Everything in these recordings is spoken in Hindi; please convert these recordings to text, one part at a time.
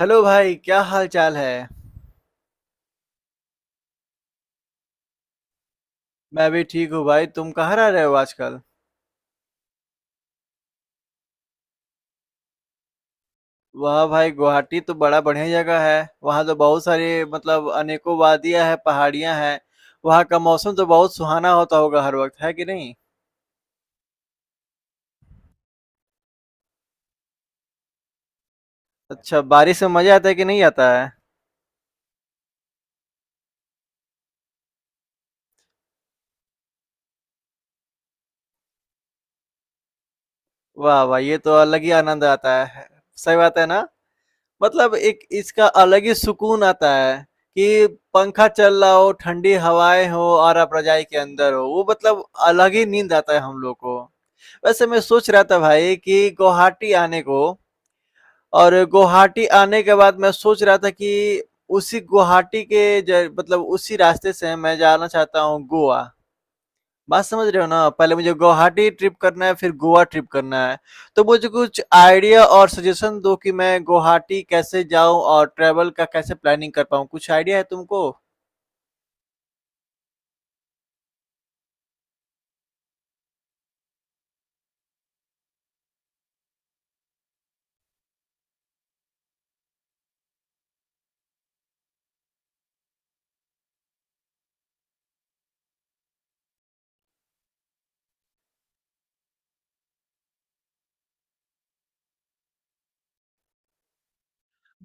हेलो भाई, क्या हाल-चाल है? मैं भी ठीक हूँ भाई, तुम कहाँ रह रहे हो आजकल? वाह भाई, गुवाहाटी तो बड़ा बढ़िया जगह है। वहाँ तो बहुत सारे अनेकों वादियाँ हैं, पहाड़ियाँ हैं। वहाँ का मौसम तो बहुत सुहाना होता होगा हर वक़्त, है कि नहीं? अच्छा, बारिश में मज़ा आता है कि नहीं आता है? वाह वाह! ये तो अलग ही आनंद आता है। सही बात है ना? मतलब एक इसका अलग ही सुकून आता है कि पंखा चल रहा हो, ठंडी हवाएँ हो और आप रज़ाई के अंदर हो। वो मतलब अलग ही नींद आता है हम लोग को। वैसे मैं सोच रहा था भाई कि गुवाहाटी आने को और गुवाहाटी आने के बाद मैं सोच रहा था कि उसी गुवाहाटी के ज- मतलब उसी रास्ते से मैं जाना चाहता हूँ गोवा। बात समझ रहे हो ना, पहले मुझे गुवाहाटी ट्रिप करना है फिर गोवा ट्रिप करना है। तो मुझे कुछ आइडिया और सजेशन दो कि मैं गुवाहाटी कैसे जाऊं और ट्रैवल का कैसे प्लानिंग कर पाऊं, कुछ आइडिया है तुमको?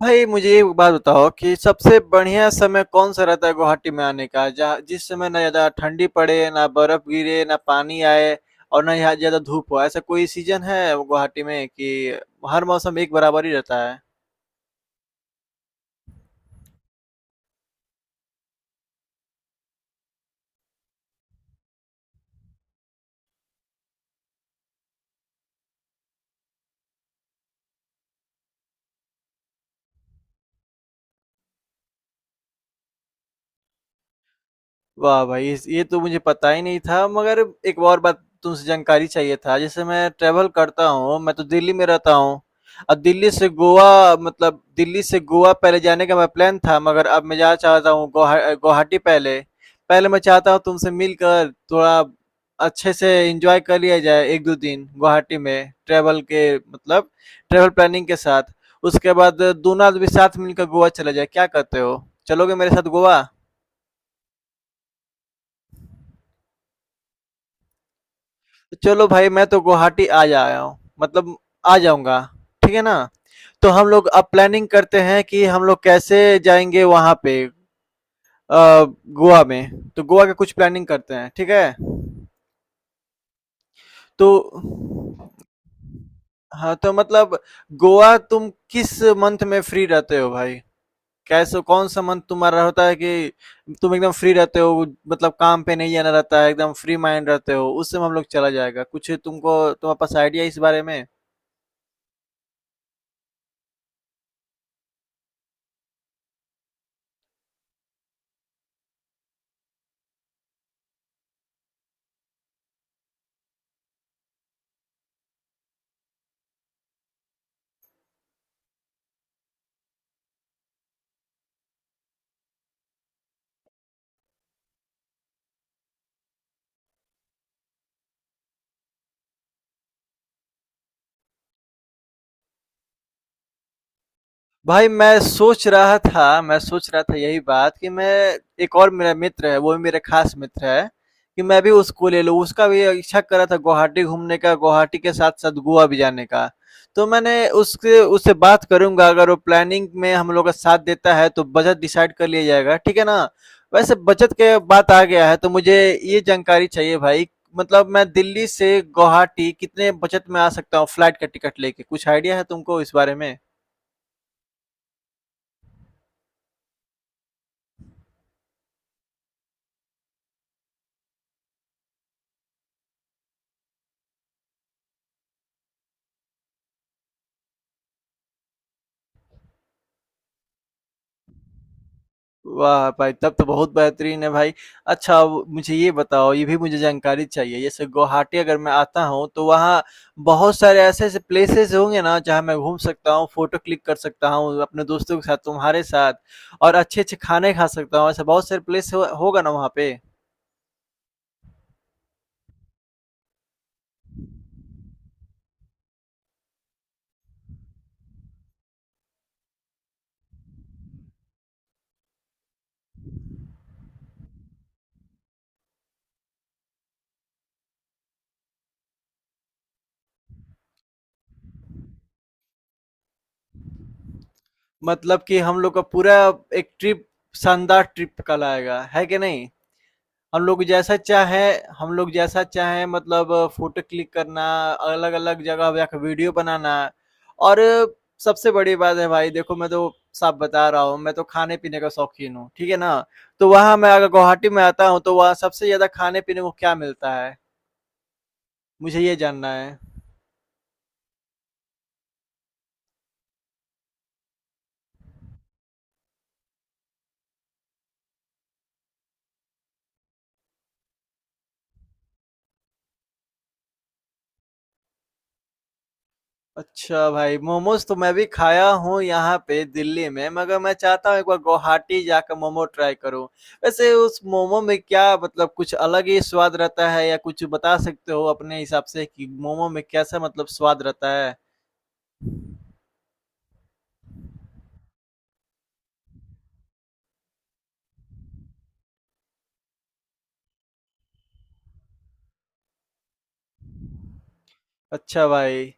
भाई मुझे एक बात बताओ कि सबसे बढ़िया समय कौन सा रहता है गुवाहाटी में आने का, जहाँ जिस समय ना ज़्यादा ठंडी पड़े, ना बर्फ गिरे, ना पानी आए और ना यहाँ ज़्यादा धूप हो। ऐसा कोई सीज़न है गुवाहाटी में कि हर मौसम एक बराबर ही रहता है? वाह भाई! इस ये तो मुझे पता ही नहीं था, मगर एक और बात तुमसे जानकारी चाहिए था। जैसे मैं ट्रैवल करता हूँ, मैं तो दिल्ली में रहता हूँ और दिल्ली से गोवा पहले जाने का मेरा प्लान था, मगर अब मैं जाना चाहता हूँ गोहा गुवाहाटी पहले। पहले मैं चाहता हूँ तुमसे मिलकर थोड़ा अच्छे से एन्जॉय कर लिया जाए 1-2 दिन गुवाहाटी में ट्रैवल प्लानिंग के साथ। उसके बाद दोनों आदमी साथ मिलकर गोवा चला जाए, क्या कहते हो? चलोगे मेरे साथ गोवा? तो चलो भाई, मैं तो गुवाहाटी आ जाया हूँ, मतलब आ जाऊँगा, ठीक है ना? तो हम लोग अब प्लानिंग करते हैं कि हम लोग कैसे जाएँगे वहाँ पे। अ, गोवा में, तो गोवा का कुछ प्लानिंग करते हैं, ठीक है? तो हाँ, गोवा तुम किस मंथ में फ्री रहते हो भाई? कैसे कौन-सा मंथ तुम्हारा होता है कि तुम एकदम फ्री रहते हो, मतलब काम पे नहीं जाना रहता है, एकदम फ्री माइंड रहते हो, उस समय हम लोग चला जाएगा, कुछ तुमको तुम्हारे पास आइडिया है इस बारे में? भाई मैं सोच रहा था यही बात कि मैं, एक और मेरा मित्र है, वो भी मेरा खास मित्र है, कि मैं भी उसको ले लूँ। उसका भी इच्छा कर रहा था गुवाहाटी घूमने का, गुवाहाटी के साथ-साथ गोवा भी जाने का। तो मैंने उसके उससे बात करूँगा, अगर वो प्लानिंग में हम लोग का साथ देता है तो बजट डिसाइड कर लिया जाएगा, ठीक है ना? वैसे बजट के बात आ गया है तो मुझे ये जानकारी चाहिए भाई, मतलब मैं दिल्ली से गुवाहाटी कितने बजट में आ सकता हूँ फ्लाइट का टिकट लेके? कुछ आइडिया है तुमको इस बारे में? वाह भाई! तब तो बहुत बेहतरीन है भाई। अच्छा अब मुझे ये बताओ, ये भी मुझे जानकारी चाहिए, जैसे गुवाहाटी अगर मैं आता हूँ, तो वहाँ बहुत सारे ऐसे-ऐसे प्लेसेस होंगे ना, जहाँ मैं घूम सकता हूँ, फ़ोटो क्लिक कर सकता हूँ अपने दोस्तों के साथ, तुम्हारे साथ, और अच्छे-अच्छे खाने खा सकता हूँ, ऐसा बहुत सारे प्लेस हो होगा ना वहाँ पे? मतलब कि हम लोग का पूरा एक ट्रिप शानदार ट्रिप कहलाएगा, है कि नहीं? हम लोग जैसा चाहे हम लोग जैसा चाहे, मतलब फ़ोटो क्लिक करना, अलग-अलग जगह जाके वीडियो बनाना, और सबसे बड़ी बात है भाई, देखो मैं तो साफ बता रहा हूँ, मैं तो खाने-पीने का शौकीन हूँ, ठीक है ना? तो वहाँ मैं अगर गुवाहाटी में आता हूँ तो वहाँ सबसे ज़्यादा खाने-पीने को क्या मिलता है? मुझे ये जानना है। अच्छा भाई, मोमोज़ तो मैं भी खाया हूँ यहाँ पे दिल्ली में, मगर मैं चाहता हूँ एक बार गुवाहाटी जाकर मोमो ट्राई करूँ। वैसे उस मोमो में क्या मतलब कुछ अलग ही स्वाद रहता है या कुछ बता सकते हो अपने हिसाब से कि मोमो में कैसा मतलब स्वाद रहता है? अच्छा भाई,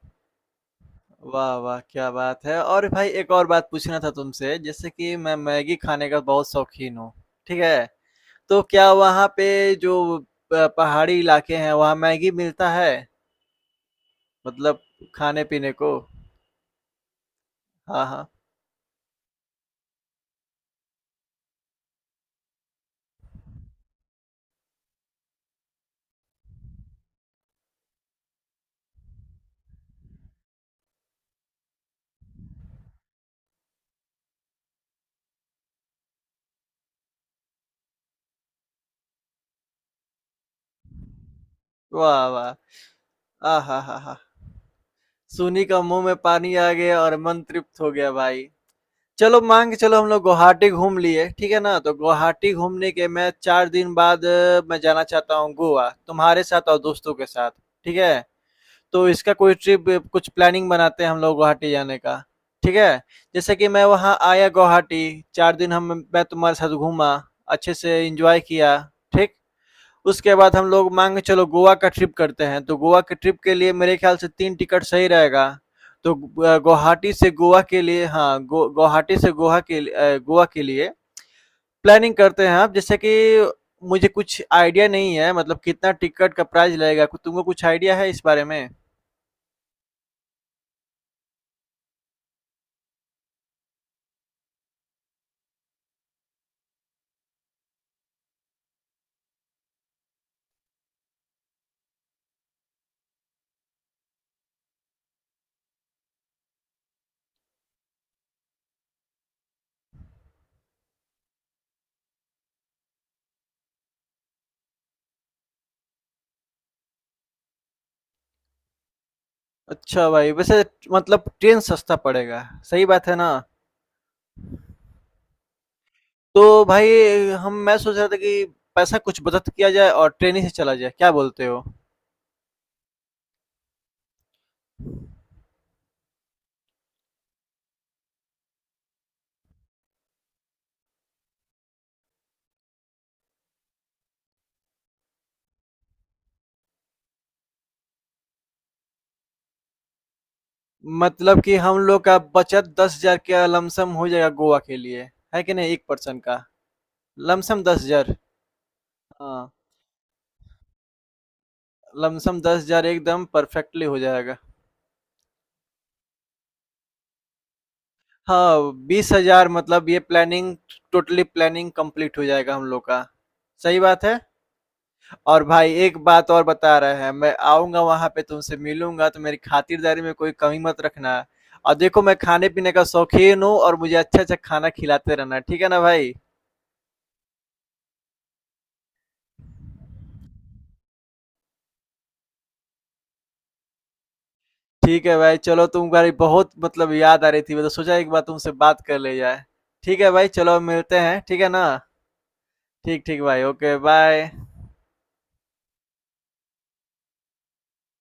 वाह, वाह! क्या बात है, और भाई एक और बात पूछना था तुमसे, जैसे कि मैं मैगी खाने का बहुत शौकीन हूँ, ठीक है? तो क्या वहाँ पे जो प पहाड़ी इलाके हैं वहाँ मैगी मिलता है? मतलब खाने-पीने को? हाँ, हाँ। वाह, वाह! आहाहाहा! सूनी का मुँह में पानी आ गया और मन तृप्त हो गया भाई। चलो मान के चलो हम लोग गुवाहाटी घूम लिए, ठीक है ना? तो गुवाहाटी घूमने के मैं 4 दिन बाद मैं जाना चाहता हूँ गोवा, तुम्हारे साथ और दोस्तों के साथ, ठीक है? तो इसका कोई ट्रिप कुछ प्लानिंग बनाते हैं हम लोग गुवाहाटी जाने का, ठीक है? जैसे कि मैं वहाँ आया गुवाहाटी, 4 दिन हम मैं तुम्हारे साथ घूमा, अच्छे से एन्जॉय किया, ठीक? उसके बाद हम लोग मान के चलो गोवा का ट्रिप करते हैं, तो गोवा के ट्रिप के लिए मेरे ख्याल से तीन टिकट सही रहेगा। तो गुवाहाटी से गोवा के लिए, गोवा के लिए प्लानिंग करते हैं आप, जैसे कि मुझे कुछ आइडिया नहीं है, मतलब कितना टिकट का प्राइस लगेगा, तुमको कुछ आइडिया है इस बारे में? अच्छा भाई, वैसे मतलब ट्रेन सस्ता पड़ेगा, सही बात है ना? तो भाई हम मैं सोच रहा था कि पैसा कुछ बचत किया जाए और ट्रेन ही से चला जाए, क्या बोलते हो? मतलब कि हम लोग का बचत 10,000 का लमसम हो जाएगा गोवा के लिए, है कि नहीं? 1 पर्सन का, लमसम 10,000। हाँ, लमसम 10,000 एकदम परफेक्टली हो जाएगा। हाँ, 20,000, मतलब ये प्लानिंग टोटली प्लानिंग कंप्लीट हो जाएगा हम लोग का। सही बात है? और भाई एक बात और बता रहे हैं, मैं आऊँगा वहाँ पे तुमसे मिलूँगा तो मेरी खातिरदारी में कोई कमी मत रखना। और देखो मैं खाने-पीने का शौकीन हूँ और मुझे अच्छा-अच्छा खाना खिलाते रहना, ठीक है ना भाई? ठीक है भाई, चलो तुम्हारी बहुत याद आ रही थी, तो सोचा एक बार तुमसे बात कर ली जाए। ठीक है भाई, चलो मिलते हैं, ठीक है ना? ठीक भाई, ओके बाय।